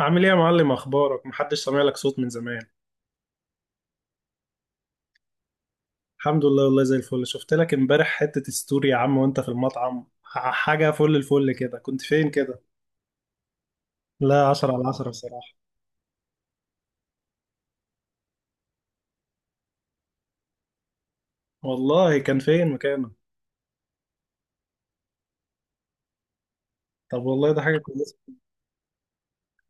عامل ايه يا معلم؟ اخبارك، محدش سامع لك صوت من زمان. الحمد لله، والله زي الفل. شفت لك امبارح حتة ستوري يا عم وانت في المطعم، حاجة فل الفل كده. كنت فين كده؟ لا، عشرة على عشرة بصراحة. والله كان فين مكانه؟ طب والله ده حاجة كويسة.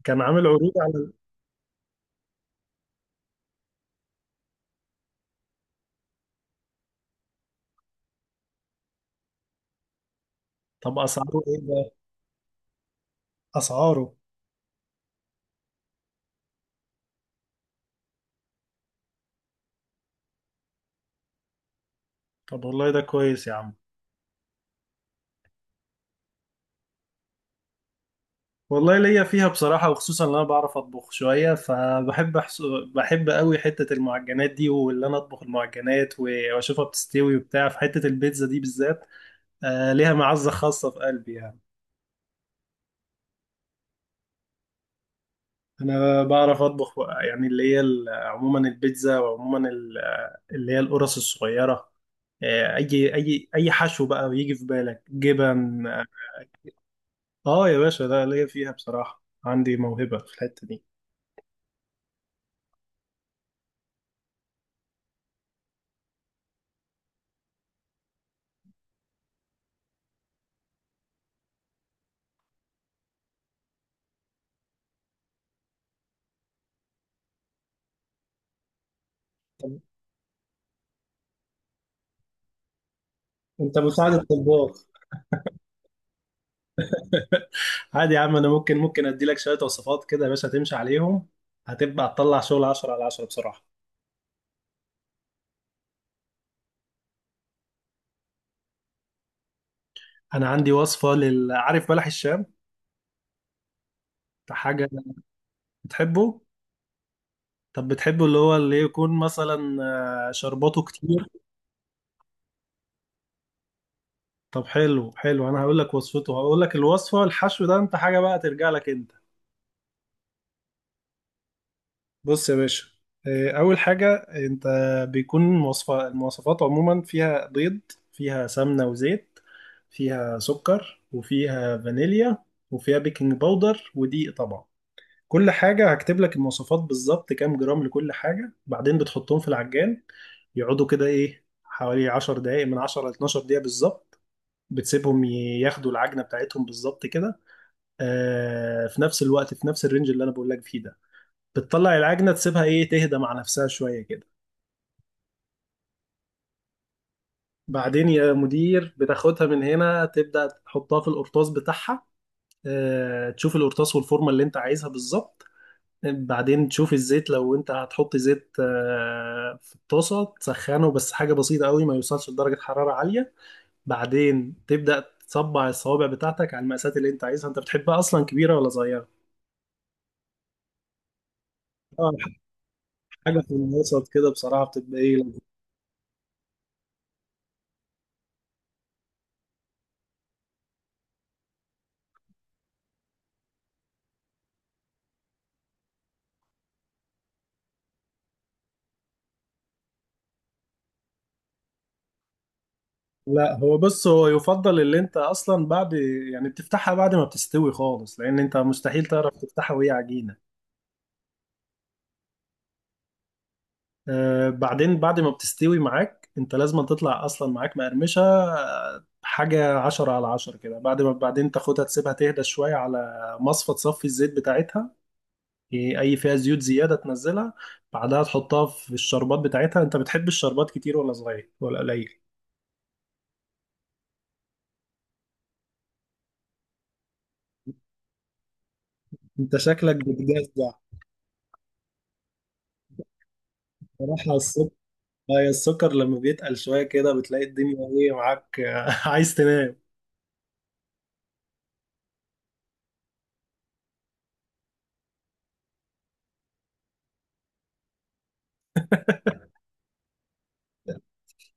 كان عامل عروض على؟ طب اسعاره ايه ده؟ اسعاره؟ طب والله ده كويس يا عم. والله ليا فيها بصراحة، وخصوصا ان انا بعرف اطبخ شوية، فبحب بحب قوي حتة المعجنات دي، واللي انا اطبخ المعجنات واشوفها بتستوي وبتاع، في حتة البيتزا دي بالذات ليها معزة خاصة في قلبي يعني. أنا بعرف أطبخ بقى، يعني اللي هي عموما البيتزا، وعموما اللي هي القرص الصغيرة، أي حشو بقى بيجي في بالك، جبن، آه. آه يا باشا، ده ليا فيها بصراحة، عندي موهبة في الحتة دي. طب أنت مساعد الطباخ. عادي يا عم، أنا ممكن أديلك شوية وصفات كده يا باشا تمشي عليهم، هتبقى تطلع شغل 10 على 10 بصراحة. أنا عندي وصفة لل، عارف بلح الشام؟ ده حاجة. بتحبه؟ طب بتحبه اللي هو اللي يكون مثلا شرباته كتير؟ طب حلو حلو، انا هقول لك وصفته، هقول لك الوصفه، الحشو ده انت حاجه بقى ترجع لك انت. بص يا باشا، اول حاجه انت بيكون وصفه، المواصفات عموما فيها بيض، فيها سمنه وزيت، فيها سكر وفيها فانيليا، وفيها بيكنج باودر ودقيق طبعا. كل حاجة هكتب لك المواصفات بالظبط، كام جرام لكل حاجة، بعدين بتحطهم في العجان. يقعدوا كده ايه، حوالي 10 دقايق، من 10 ل 12 دقيقة بالظبط. بتسيبهم ياخدوا العجنة بتاعتهم بالظبط كده. آه، في نفس الوقت، في نفس الرينج اللي انا بقول لك فيه ده بتطلع العجنة، تسيبها ايه، تهدى مع نفسها شوية كده. بعدين يا مدير بتاخدها من هنا، تبدأ تحطها في القرطاس بتاعها، آه تشوف القرطاس والفورمة اللي انت عايزها بالظبط. بعدين تشوف الزيت لو انت هتحط زيت في الطاسة، تسخنه بس حاجة بسيطة قوي ما يوصلش لدرجة حرارة عالية. بعدين تبدأ تصبع الصوابع بتاعتك على المقاسات اللي انت عايزها. انت بتحبها اصلا كبيرة ولا صغيرة؟ اه، حاجة في الوسط كده بصراحة بتبقى ايه. لا هو بص، هو يفضل اللي انت اصلا بعد، يعني بتفتحها بعد ما بتستوي خالص، لان انت مستحيل تعرف تفتحها وهي عجينة. بعدين بعد ما بتستوي معاك، انت لازم تطلع اصلا معاك مقرمشه حاجه عشرة على عشرة كده. بعد ما بعدين تاخدها، تسيبها تهدى شويه على مصفى تصفي الزيت بتاعتها. إيه، اي فيها زيوت زياده تنزلها. بعدها تحطها في الشربات بتاعتها. انت بتحب الشربات كتير ولا صغير ولا قليل؟ انت شكلك بتجزع. بصراحه السكر، هي السكر لما بيتقل شويه كده بتلاقي الدنيا ايه معاك، عايز تنام.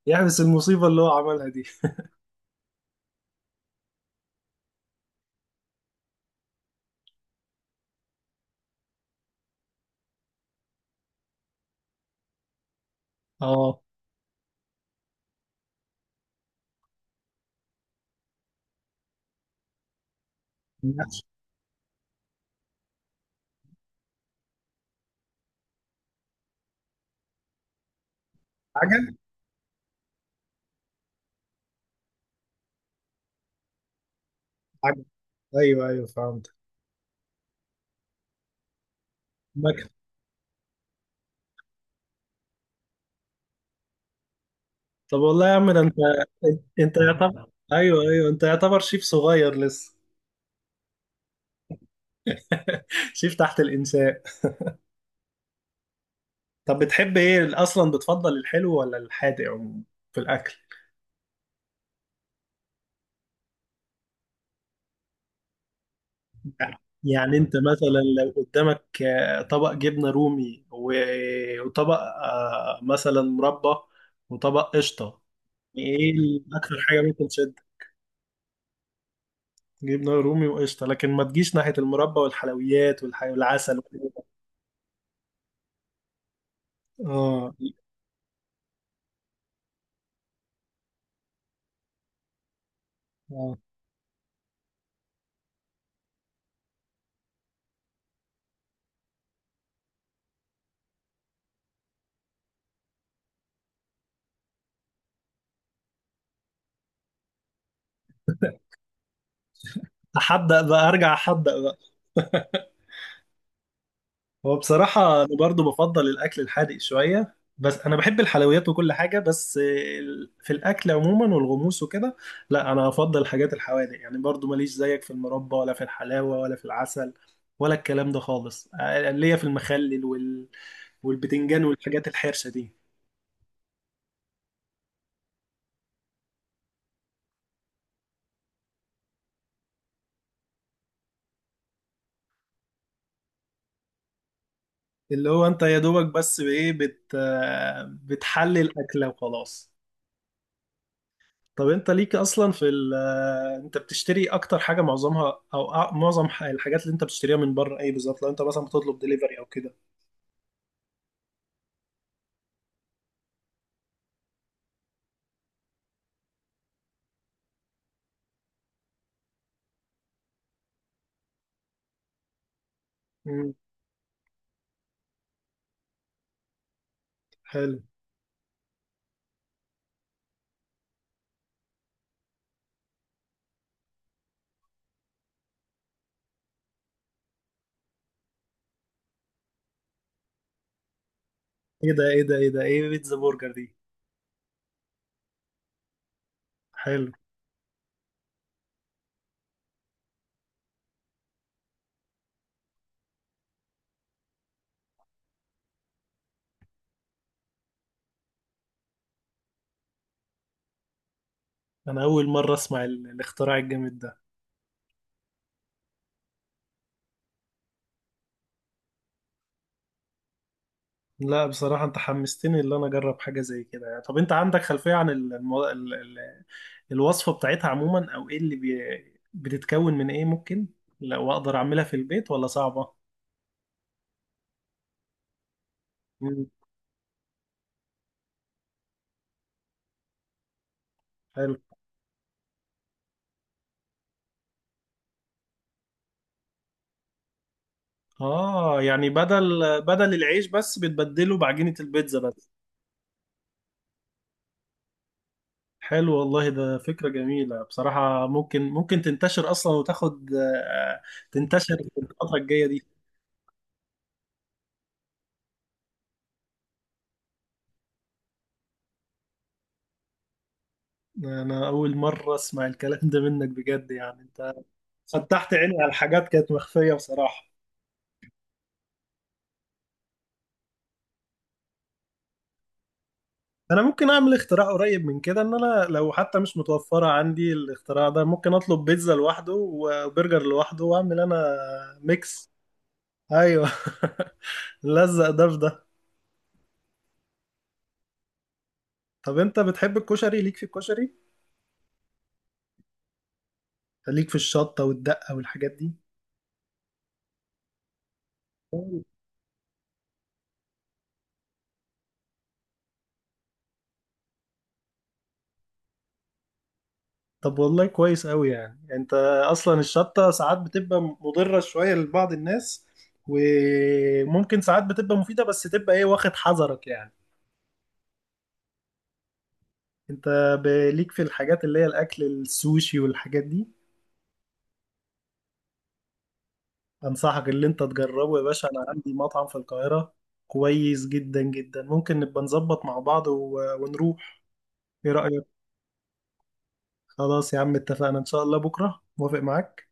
يحبس المصيبه اللي هو عملها دي. اه حاجه. عجب. ايوه ايوه فهمت. مكتب. طب والله يا عم، ده انت، انت يعتبر، ايوه ايوه انت يعتبر شيف صغير لسه. شيف تحت الانشاء. طب بتحب ايه اصلا، بتفضل الحلو ولا الحادق عموما في الاكل؟ يعني انت مثلا لو قدامك طبق جبنه رومي وطبق مثلا مربى، وطبق قشطه، ايه اكتر حاجه ممكن تشد؟ جبنه رومي وقشطه، لكن ما تجيش ناحيه المربى والحلويات والعسل وكده. اه. آه. احدق بقى، ارجع احدق بقى. هو بصراحة انا برضو بفضل الاكل الحادق شوية، بس انا بحب الحلويات وكل حاجة، بس في الاكل عموما والغموس وكده، لا انا افضل الحاجات الحوادق يعني. برضو ماليش زيك في المربى، ولا في الحلاوة، ولا في العسل، ولا الكلام ده خالص. أنا ليا في المخلل والبتنجان والحاجات الحرشة دي. اللي هو انت يا دوبك بس بتحلي الاكلة وخلاص. طب انت ليك اصلا في ال، انت بتشتري اكتر حاجه معظمها او معظم الحاجات اللي انت بتشتريها من بره ايه بالظبط، لو انت مثلا بتطلب دليفري او كده؟ امم حلو. ايه ده، ايه ده، ايه ده، ايه بيتزا برجر دي؟ حلو. انا اول مره اسمع الاختراع الجامد ده. لا بصراحه انت حمستني ان انا اجرب حاجه زي كده. يعني طب انت عندك خلفيه عن ال... المو... ال... ال... الوصفه بتاعتها عموما، او ايه اللي بتتكون من ايه ممكن، لو اقدر اعملها في البيت ولا صعبه؟ امم اه، يعني بدل العيش بس بتبدله بعجينة البيتزا بس. حلو والله، ده فكرة جميلة بصراحة، ممكن تنتشر اصلا، وتاخد تنتشر في الفترة الجاية دي. انا اول مرة اسمع الكلام ده منك بجد، يعني انت فتحت عيني على حاجات كانت مخفية بصراحة. انا ممكن اعمل اختراع قريب من كده، ان انا لو حتى مش متوفرة عندي الاختراع ده ممكن اطلب بيتزا لوحده وبرجر لوحده واعمل انا ميكس. ايوه. لزق ده في ده. طب انت بتحب الكشري؟ ليك في الكشري؟ ليك في الشطة والدقة والحاجات دي؟ أوي. طب والله كويس قوي، يعني يعني انت، اصلا الشطة ساعات بتبقى مضرة شوية لبعض الناس، وممكن ساعات بتبقى مفيدة، بس تبقى ايه واخد حذرك يعني. انت ب- ليك في الحاجات اللي هي الاكل السوشي والحاجات دي؟ انصحك اللي انت تجربه يا باشا، انا عندي مطعم في القاهرة كويس جدا جدا، ممكن نبقى نظبط مع بعض ونروح، ايه رأيك؟ خلاص يا عم اتفقنا، ان شاء الله بكرة، موافق معاك؟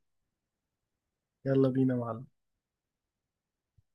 يلا بينا يا معلم.